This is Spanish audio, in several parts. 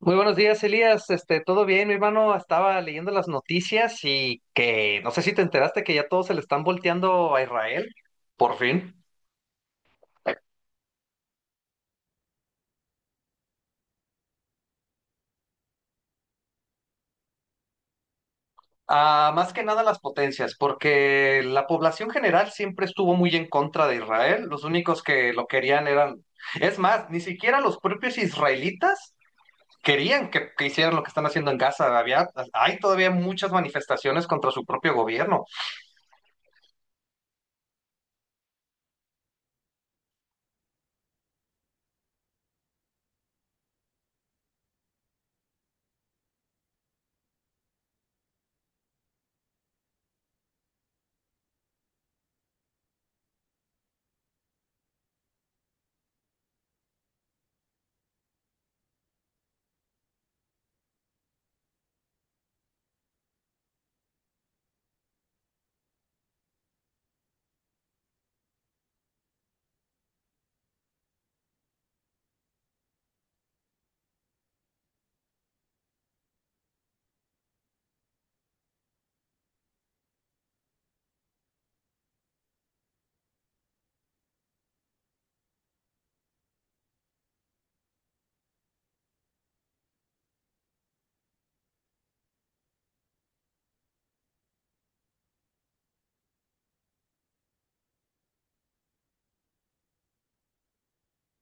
Muy buenos días, Elías. ¿Todo bien? Mi hermano estaba leyendo las noticias y que no sé si te enteraste que ya todos se le están volteando a Israel, por fin. Ah, más que nada las potencias, porque la población general siempre estuvo muy en contra de Israel. Los únicos que lo querían eran, es más, ni siquiera los propios israelitas querían que hicieran lo que están haciendo en Gaza. Hay todavía muchas manifestaciones contra su propio gobierno.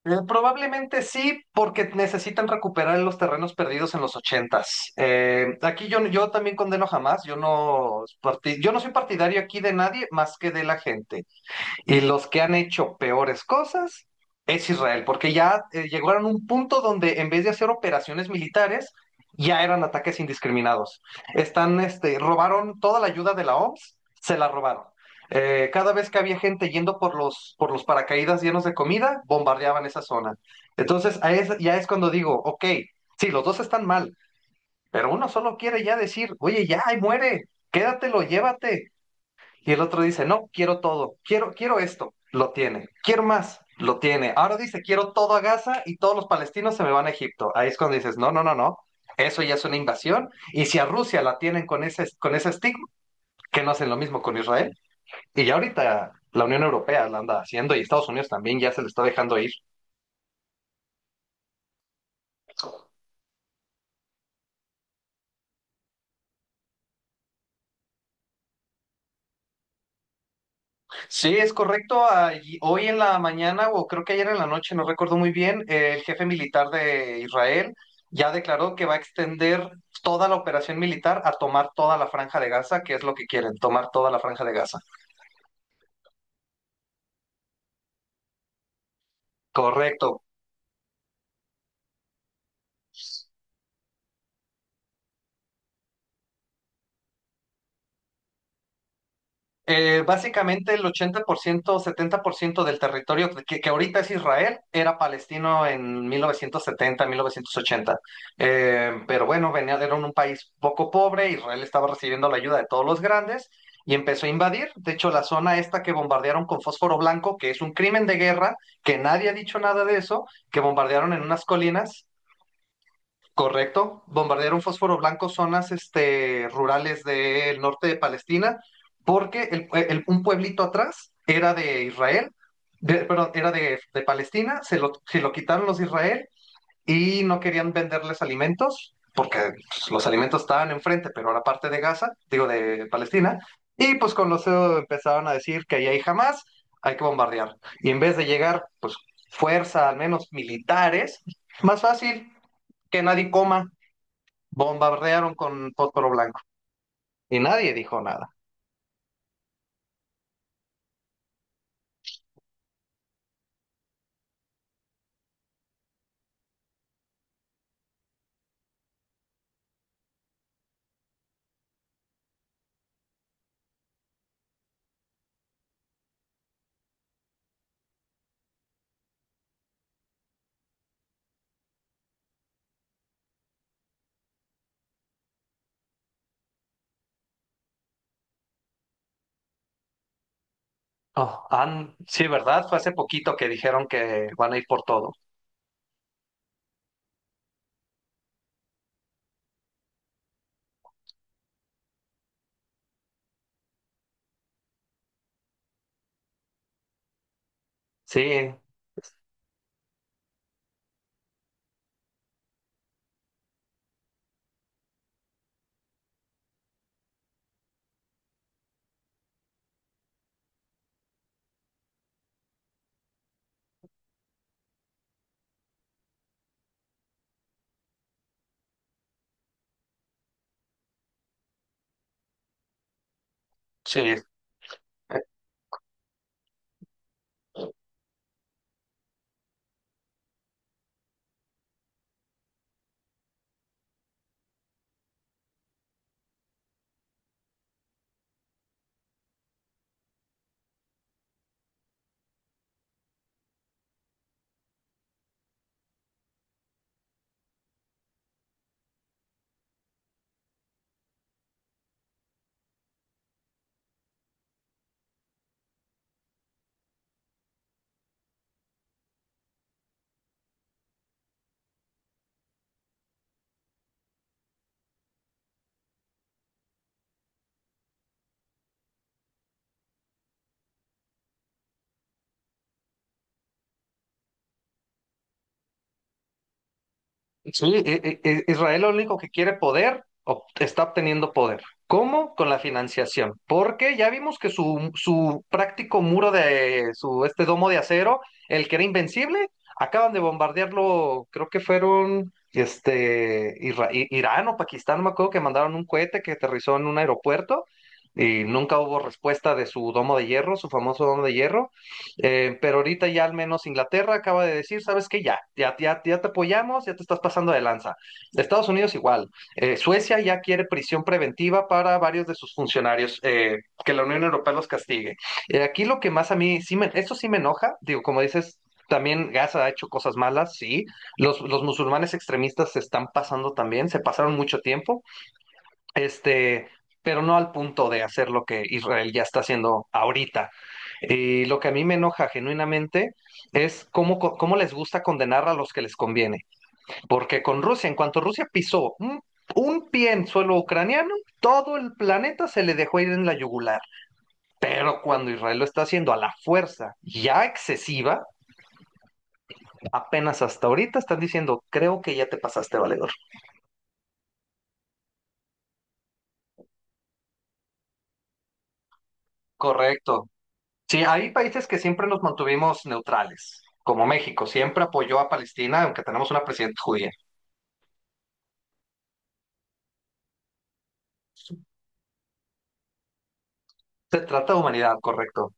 Probablemente sí, porque necesitan recuperar los terrenos perdidos en los ochentas. Aquí yo también condeno jamás, yo no soy partidario aquí de nadie más que de la gente. Y los que han hecho peores cosas es Israel, porque ya llegaron a un punto donde en vez de hacer operaciones militares, ya eran ataques indiscriminados. Robaron toda la ayuda de la OMS, se la robaron. Cada vez que había gente yendo por los paracaídas llenos de comida, bombardeaban esa zona. Entonces, ya es cuando digo, ok, sí, los dos están mal, pero uno solo quiere ya decir, oye, ya, ahí muere, quédatelo, llévate. Y el otro dice, no, quiero todo, quiero, quiero esto, lo tiene, quiero más, lo tiene. Ahora dice, quiero todo a Gaza y todos los palestinos se me van a Egipto. Ahí es cuando dices, no, no, no, no, eso ya es una invasión. Y si a Rusia la tienen con ese estigma, que no hacen lo mismo con Israel. Y ya ahorita la Unión Europea la anda haciendo y Estados Unidos también ya se le está dejando ir. Sí, es correcto. Hoy en la mañana, o creo que ayer en la noche, no recuerdo muy bien, el jefe militar de Israel ya declaró que va a extender toda la operación militar a tomar toda la franja de Gaza, que es lo que quieren, tomar toda la franja de Gaza. Correcto. Básicamente el 80%, 70% del territorio que ahorita es Israel era palestino en 1970, 1980. Pero bueno, venía, era un país poco pobre, Israel estaba recibiendo la ayuda de todos los grandes y empezó a invadir. De hecho, la zona esta que bombardearon con fósforo blanco, que es un crimen de guerra, que nadie ha dicho nada de eso, que bombardearon en unas colinas, correcto. Bombardearon fósforo blanco zonas rurales del norte de Palestina, porque un pueblito atrás era de Israel, perdón, era de Palestina, se lo quitaron los de Israel y no querían venderles alimentos, porque pues, los alimentos estaban enfrente, pero era parte de Gaza, digo de Palestina, y pues con los empezaron a decir que ahí hay jamás, hay que bombardear. Y en vez de llegar, pues fuerza, al menos militares, más fácil que nadie coma. Bombardearon con fósforo blanco y nadie dijo nada. Oh, sí, ¿verdad? Fue hace poquito que dijeron que van a ir por todo. Sí, sí. Sí, Israel lo único que quiere poder, está obteniendo poder. ¿Cómo? Con la financiación. Porque ya vimos que su práctico muro de su domo de acero, el que era invencible, acaban de bombardearlo, creo que fueron Irán o Pakistán, no me acuerdo que mandaron un cohete que aterrizó en un aeropuerto y nunca hubo respuesta de su domo de hierro, su famoso domo de hierro. Pero ahorita ya al menos Inglaterra acaba de decir, ¿sabes qué? Ya, ya, ya, ya te apoyamos, ya te estás pasando de lanza. Estados Unidos igual. Suecia ya quiere prisión preventiva para varios de sus funcionarios, que la Unión Europea los castigue. Aquí lo que más a mí, sí me, esto sí me enoja, digo, como dices, también Gaza ha hecho cosas malas, sí. Los musulmanes extremistas se están pasando también, se pasaron mucho tiempo, este, pero no al punto de hacer lo que Israel ya está haciendo ahorita. Y lo que a mí me enoja genuinamente es cómo, cómo les gusta condenar a los que les conviene. Porque con Rusia, en cuanto Rusia pisó un pie en suelo ucraniano, todo el planeta se le dejó ir en la yugular. Pero cuando Israel lo está haciendo a la fuerza ya excesiva, apenas hasta ahorita están diciendo, creo que ya te pasaste, valedor. Correcto. Sí, hay países que siempre nos mantuvimos neutrales, como México, siempre apoyó a Palestina, aunque tenemos una presidenta judía. Se trata de humanidad, correcto.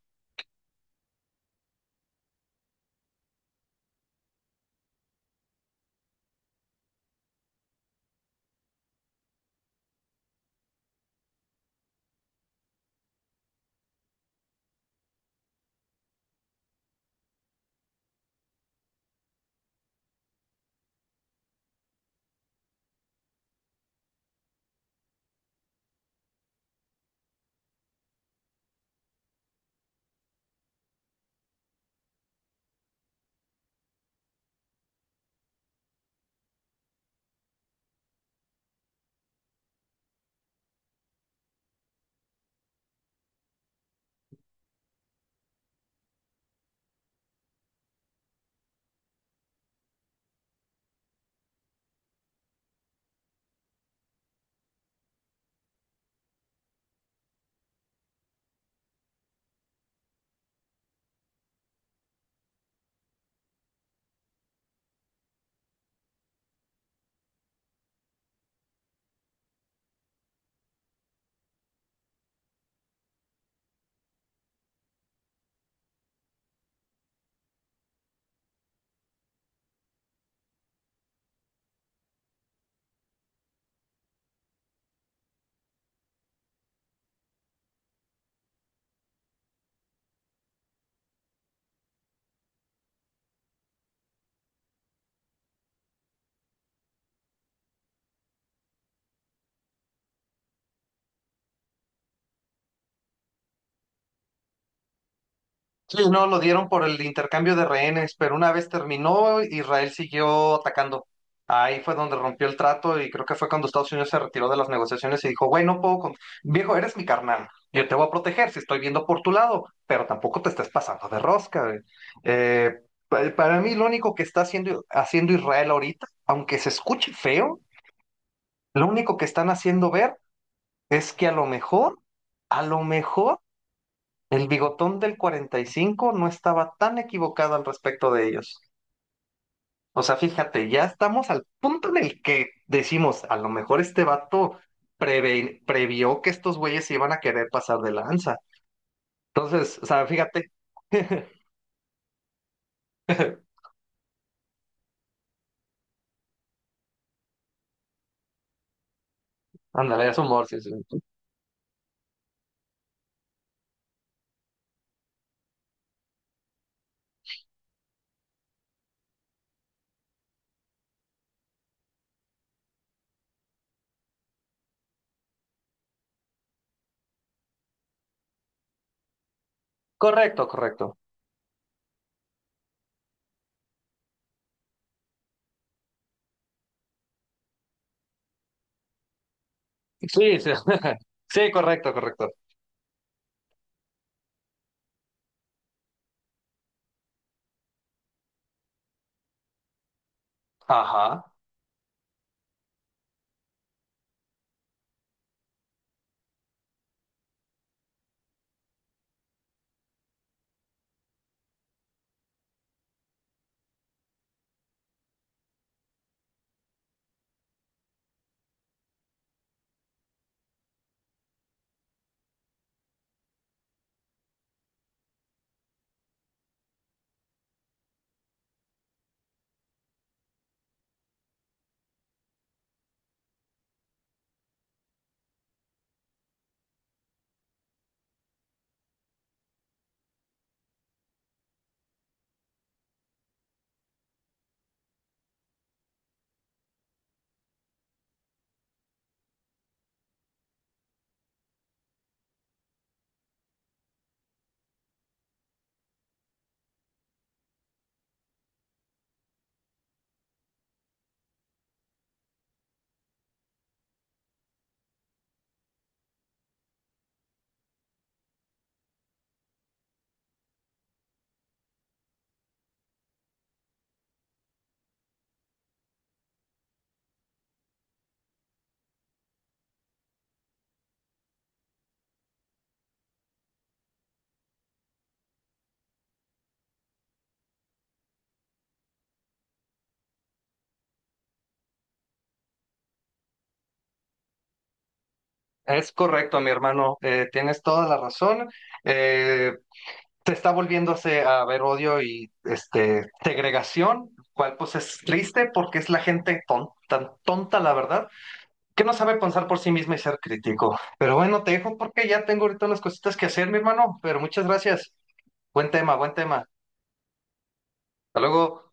Sí, no, lo dieron por el intercambio de rehenes, pero una vez terminó, Israel siguió atacando. Ahí fue donde rompió el trato y creo que fue cuando Estados Unidos se retiró de las negociaciones y dijo, güey, no puedo, viejo, eres mi carnal, yo te voy a proteger si estoy viendo por tu lado, pero tampoco te estés pasando de rosca, güey". Eh, para mí lo único que está haciendo Israel ahorita, aunque se escuche feo, lo único que están haciendo ver es que a lo mejor el bigotón del 45 no estaba tan equivocado al respecto de ellos. O sea, fíjate, ya estamos al punto en el que decimos, a lo mejor este vato previó que estos güeyes se iban a querer pasar de lanza. Entonces, o sea, fíjate. Ándale, es humor, sí, sí. Correcto, correcto. Sí, sí. Sí, correcto, correcto. Ajá. Es correcto, mi hermano. Tienes toda la razón. Eh, Se está volviéndose a ver odio y segregación, cual pues es triste porque es la gente tan tonta, la verdad, que no sabe pensar por sí misma y ser crítico. Pero bueno, te dejo porque ya tengo ahorita unas cositas que hacer, mi hermano, pero muchas gracias. Buen tema, buen tema. Hasta luego.